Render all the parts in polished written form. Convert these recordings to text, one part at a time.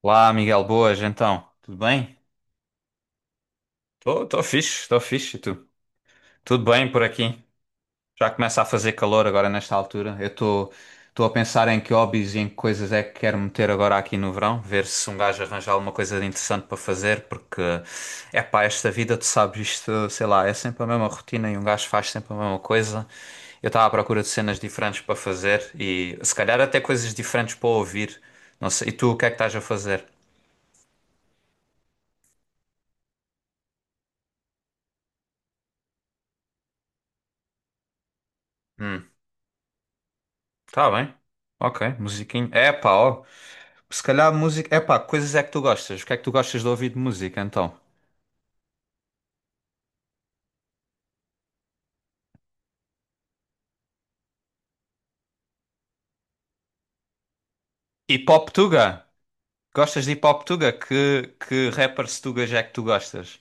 Olá, Miguel, boas, então, tudo bem? Estou fixe, e tu? Tudo bem por aqui? Já começa a fazer calor agora nesta altura. Eu estou a pensar em que hobbies e em que coisas é que quero meter agora aqui no verão, ver se um gajo arranja alguma coisa de interessante para fazer, porque é pá, esta vida, tu sabes, isto, sei lá, é sempre a mesma rotina e um gajo faz sempre a mesma coisa. Eu estava à procura de cenas diferentes para fazer e se calhar até coisas diferentes para ouvir. Não sei, e tu o que é que estás a fazer? Hum. Tá bem. Ok, musiquinho. É pá, ó. Se calhar música. É pá, coisas é que tu gostas. O que é que tu gostas de ouvir de música então? Hip Hop Tuga? Gostas de Hip Hop Tuga? Que rappers tugas é que tu gostas?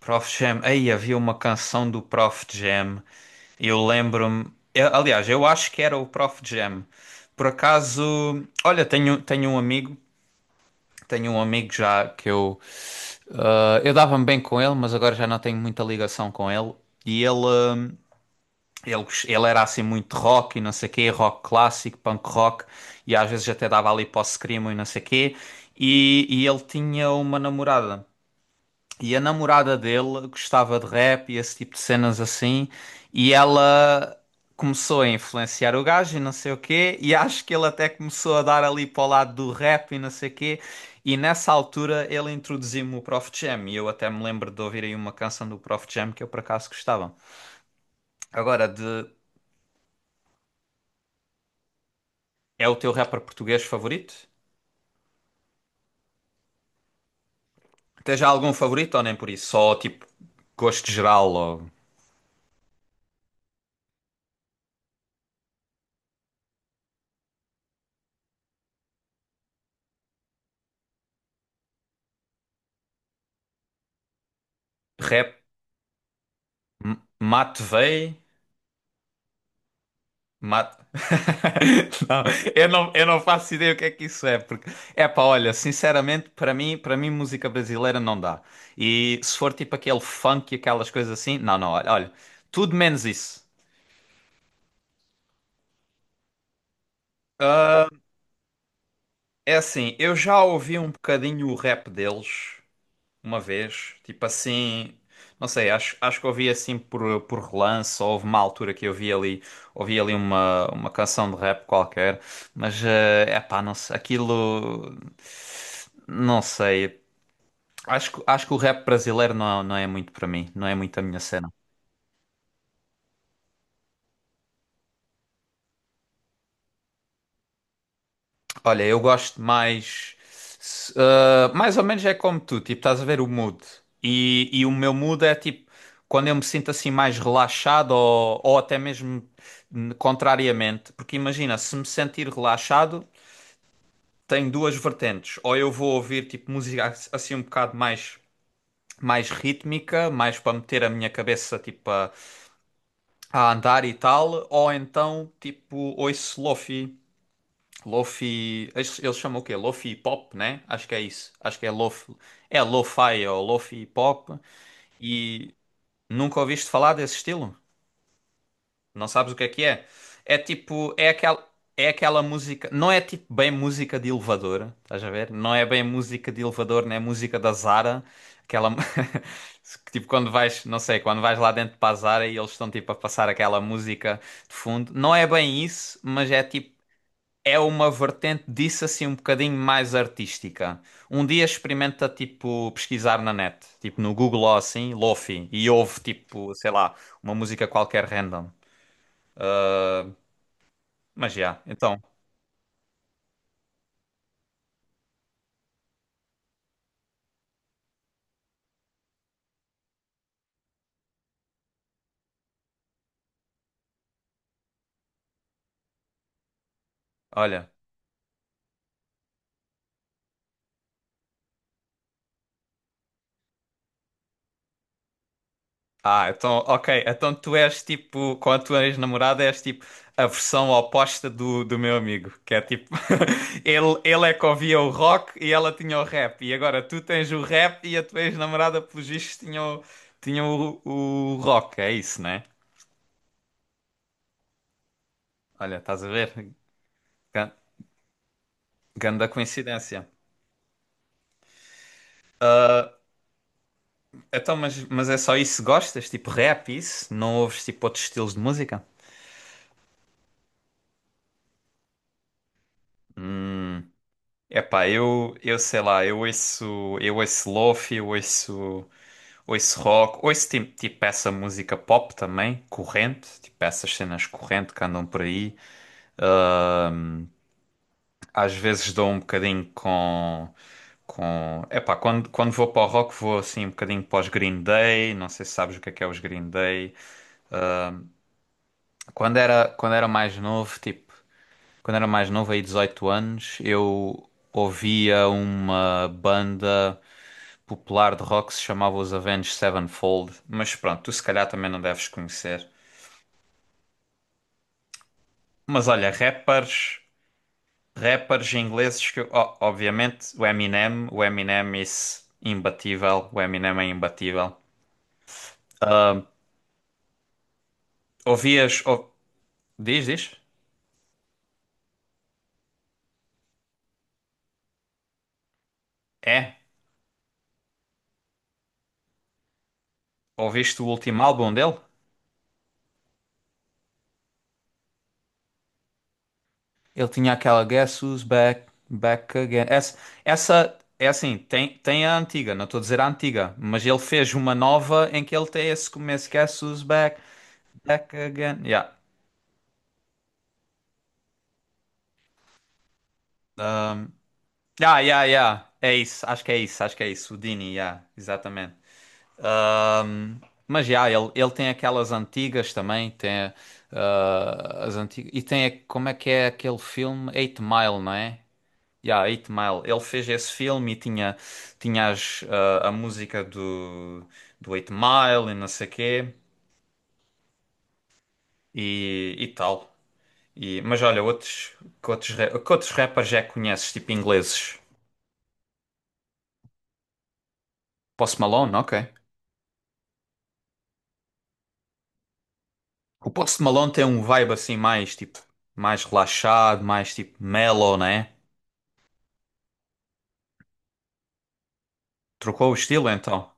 Prof Jam. Aí havia uma canção do Prof Jam. Eu lembro-me. Aliás, eu acho que era o Prof Jam. Por acaso. Olha, tenho um amigo. Tenho um amigo já que eu. Eu dava-me bem com ele, mas agora já não tenho muita ligação com ele. E ele. Ele era assim muito rock e não sei quê, rock clássico, punk rock, e às vezes até dava ali para o screamo e não sei quê. E ele tinha uma namorada. E a namorada dele gostava de rap e esse tipo de cenas assim, e ela começou a influenciar o gajo e não sei o quê, e acho que ele até começou a dar ali para o lado do rap e não sei o quê. E nessa altura ele introduziu-me o Prof Jam, e eu até me lembro de ouvir aí uma canção do Prof Jam que eu por acaso gostava. Agora, de É o teu rapper português favorito? Tens já algum favorito ou nem por isso? Só tipo gosto geral ou rap? Mate Vey? Mate... Não, eu não faço ideia o que é que isso é, porque é pá, olha, sinceramente, para mim música brasileira não dá. E se for tipo aquele funk e aquelas coisas assim, não, não, olha, olha, tudo menos isso. É assim, eu já ouvi um bocadinho o rap deles. Uma vez, tipo assim, não sei, acho que ouvi assim por relance, ou houve uma altura que eu vi ali, ouvi ali uma canção de rap qualquer, mas é pá, não sei, aquilo, não sei, acho que o rap brasileiro não, não é muito para mim, não é muito a minha cena. Olha, eu gosto mais. Mais ou menos é como tu, tipo, estás a ver o mood. E o meu mood é tipo, quando eu me sinto assim mais relaxado ou até mesmo contrariamente. Porque imagina, se me sentir relaxado, tenho duas vertentes. Ou eu vou ouvir tipo música assim um bocado mais, mais rítmica, mais para meter a minha cabeça tipo a andar e tal. Ou então tipo ouço lofi. Lofi. Eles chamam o quê? Lofi Pop, né? Acho que é isso. Acho que é Lofi. É Lo-Fi ou Lofi Pop. E nunca ouviste falar desse estilo? Não sabes o que é que é? É tipo. É aquela. É aquela música, não é tipo bem música de elevador, estás a ver? Não é bem música de elevador, nem música da Zara, aquela que, tipo quando vais, não sei, quando vais lá dentro para a Zara e eles estão tipo a passar aquela música de fundo. Não é bem isso, mas é tipo é uma vertente disso assim um bocadinho mais artística. Um dia experimenta tipo pesquisar na net, tipo no Google ou assim, Lofi, e ouve tipo, sei lá, uma música qualquer random. Ah, mas já, então, olha. Ah, então, ok. Então tu és tipo, com a tua ex-namorada, és tipo a versão oposta do meu amigo, que é tipo, ele é que ouvia o rock e ela tinha o rap, e agora tu tens o rap e a tua ex-namorada, pelos vistos, tinha o rock, é isso, né? Olha, estás a ver? Gan- Ganda coincidência. Então, mas é só isso que gostas? Tipo rap, isso? Não ouves tipo outros estilos de música? Hum, Epá, eu sei lá, eu ouço, lofi, eu ouço. Ouço rock, ouço tipo essa música pop também, corrente, tipo essas cenas corrente que andam por aí. Às vezes dou um bocadinho Epá, quando vou para o rock vou assim um bocadinho para os Green Day, não sei se sabes o que é os Green Day. Quando era mais novo, tipo, quando era mais novo, aí 18 anos, eu ouvia uma banda popular de rock que se chamava os Avenged Sevenfold, mas pronto, tu se calhar também não deves conhecer. Mas olha, rappers. Rappers ingleses que, ó, obviamente, o Eminem is imbatível, o Eminem é imbatível. Ouvias, diz, diz? É? Ouviste o último álbum dele? Ele tinha aquela Guess Who's Back, Back Again. Essa é assim, tem a antiga, não estou a dizer a antiga, mas ele fez uma nova em que ele tem esse começo, Guess Who's Back, Back Again. Yeah. Um, yeah, yeah, yeah. É isso, acho que é isso, acho que é isso. O Dini, yeah, exatamente. Ahm, mas já, ele tem aquelas antigas também, tem as antigas. E tem, como é que é aquele filme? Eight Mile, não é? Já, Eight Mile. Ele fez esse filme e tinha, tinha a música do Eight Mile e não sei quê e tal. E, mas olha, outros, que outros, ra- que outros rappers já conheces, tipo ingleses? Post Malone, ok. O Post Malone tem um vibe assim mais, tipo, mais relaxado, mais tipo mellow, né? Trocou o estilo então.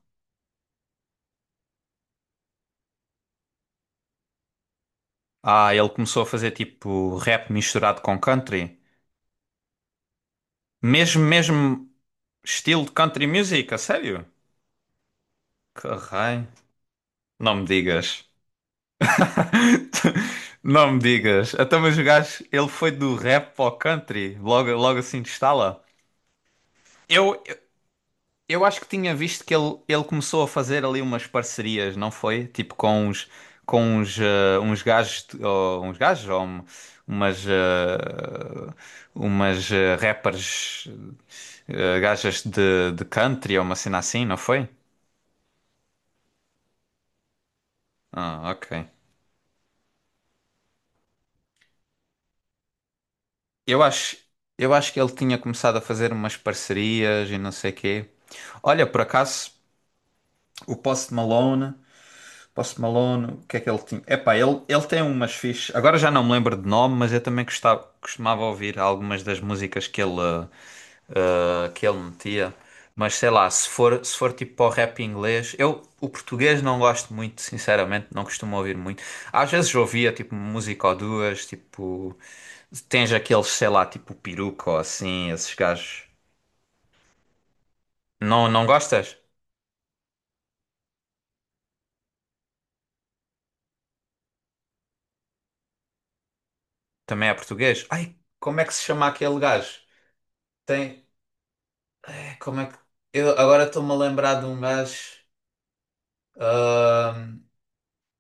Ah, ele começou a fazer tipo rap misturado com country. Mesmo, mesmo estilo de country music, a sério? Que raio. Não me digas. Não me digas. Até mas o gajo, ele foi do rap ao country, logo, logo assim de estala. Eu, Eu acho que tinha visto que ele começou a fazer ali umas parcerias, não foi? Tipo com uns, uns gajos, ou, uns gajos, ou umas, eh, umas rappers, gajas de country, ou uma cena assim, não foi? Ah, ok. Eu acho, eu acho que ele tinha começado a fazer umas parcerias e não sei quê. Olha, por acaso, o Post Malone. Post Malone, o que é que ele tinha? Epá, ele tem umas fichas. Agora já não me lembro de nome, mas eu também gostava, costumava ouvir algumas das músicas que ele, que ele metia. Mas sei lá, se for, se for tipo para o rap inglês, eu o português não gosto muito, sinceramente, não costumo ouvir muito. Às vezes ouvia tipo música ou duas, tipo. Tens aqueles, sei lá, tipo Peruca ou assim, esses gajos. Não, não gostas? Também é português? Ai, como é que se chama aquele gajo? Tem, como é que. Eu agora estou-me a lembrar de um gajo. ah,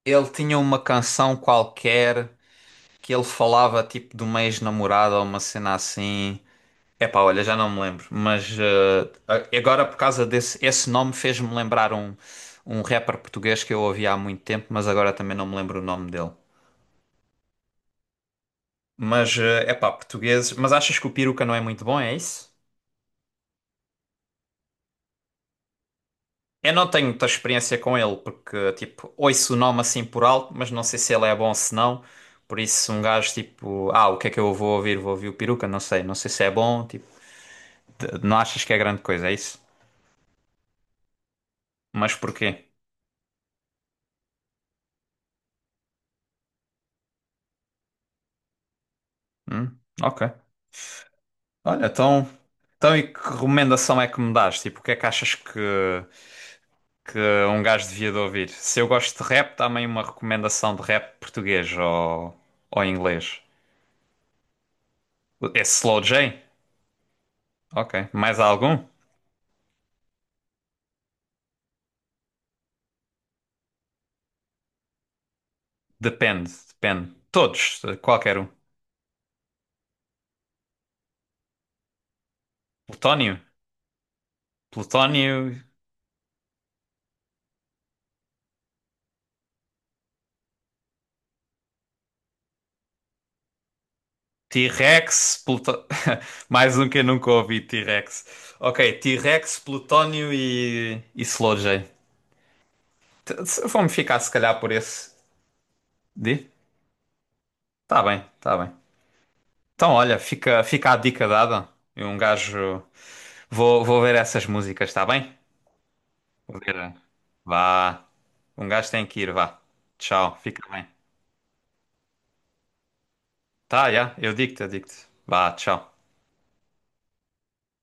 Ele tinha uma canção qualquer que ele falava tipo de uma ex-namorada ou uma cena assim. Epá, olha, já não me lembro. Mas ah, agora por causa desse esse nome fez-me lembrar um rapper português que eu ouvia há muito tempo, mas agora também não me lembro o nome dele. Mas, é epá, portugueses. Mas achas que o Peruca não é muito bom, é isso? Eu não tenho muita experiência com ele, porque, tipo, ouço o nome assim por alto, mas não sei se ele é bom ou se não. Por isso, um gajo, tipo, o que é que eu vou ouvir? Vou ouvir o Peruca? Não sei, não sei se é bom, tipo, não achas que é grande coisa, é isso? Mas porquê? Hum, ok. Olha, então, então e que recomendação é que me dás? Tipo, o que é que achas que um gajo devia de ouvir? Se eu gosto de rap, dá-me aí uma recomendação de rap português ou inglês. Esse Slow J? Ok. Mais algum? Depende, depende. Todos, qualquer um. Plutónio? Plutónio, T-Rex, Pluto... Mais um que eu nunca ouvi, T-Rex. Ok, T-Rex, Plutónio e Slowjay. Vou-me ficar se calhar por esse. Di? Tá bem, tá bem. Então olha, fica a dica dada. E um gajo. Vou ver essas músicas, tá bem? Vou ver. Vá. Um gajo tem que ir, vá. Tchau, fica bem. Tá, já, eu digo-te, eu digo-te. Vá, tchau.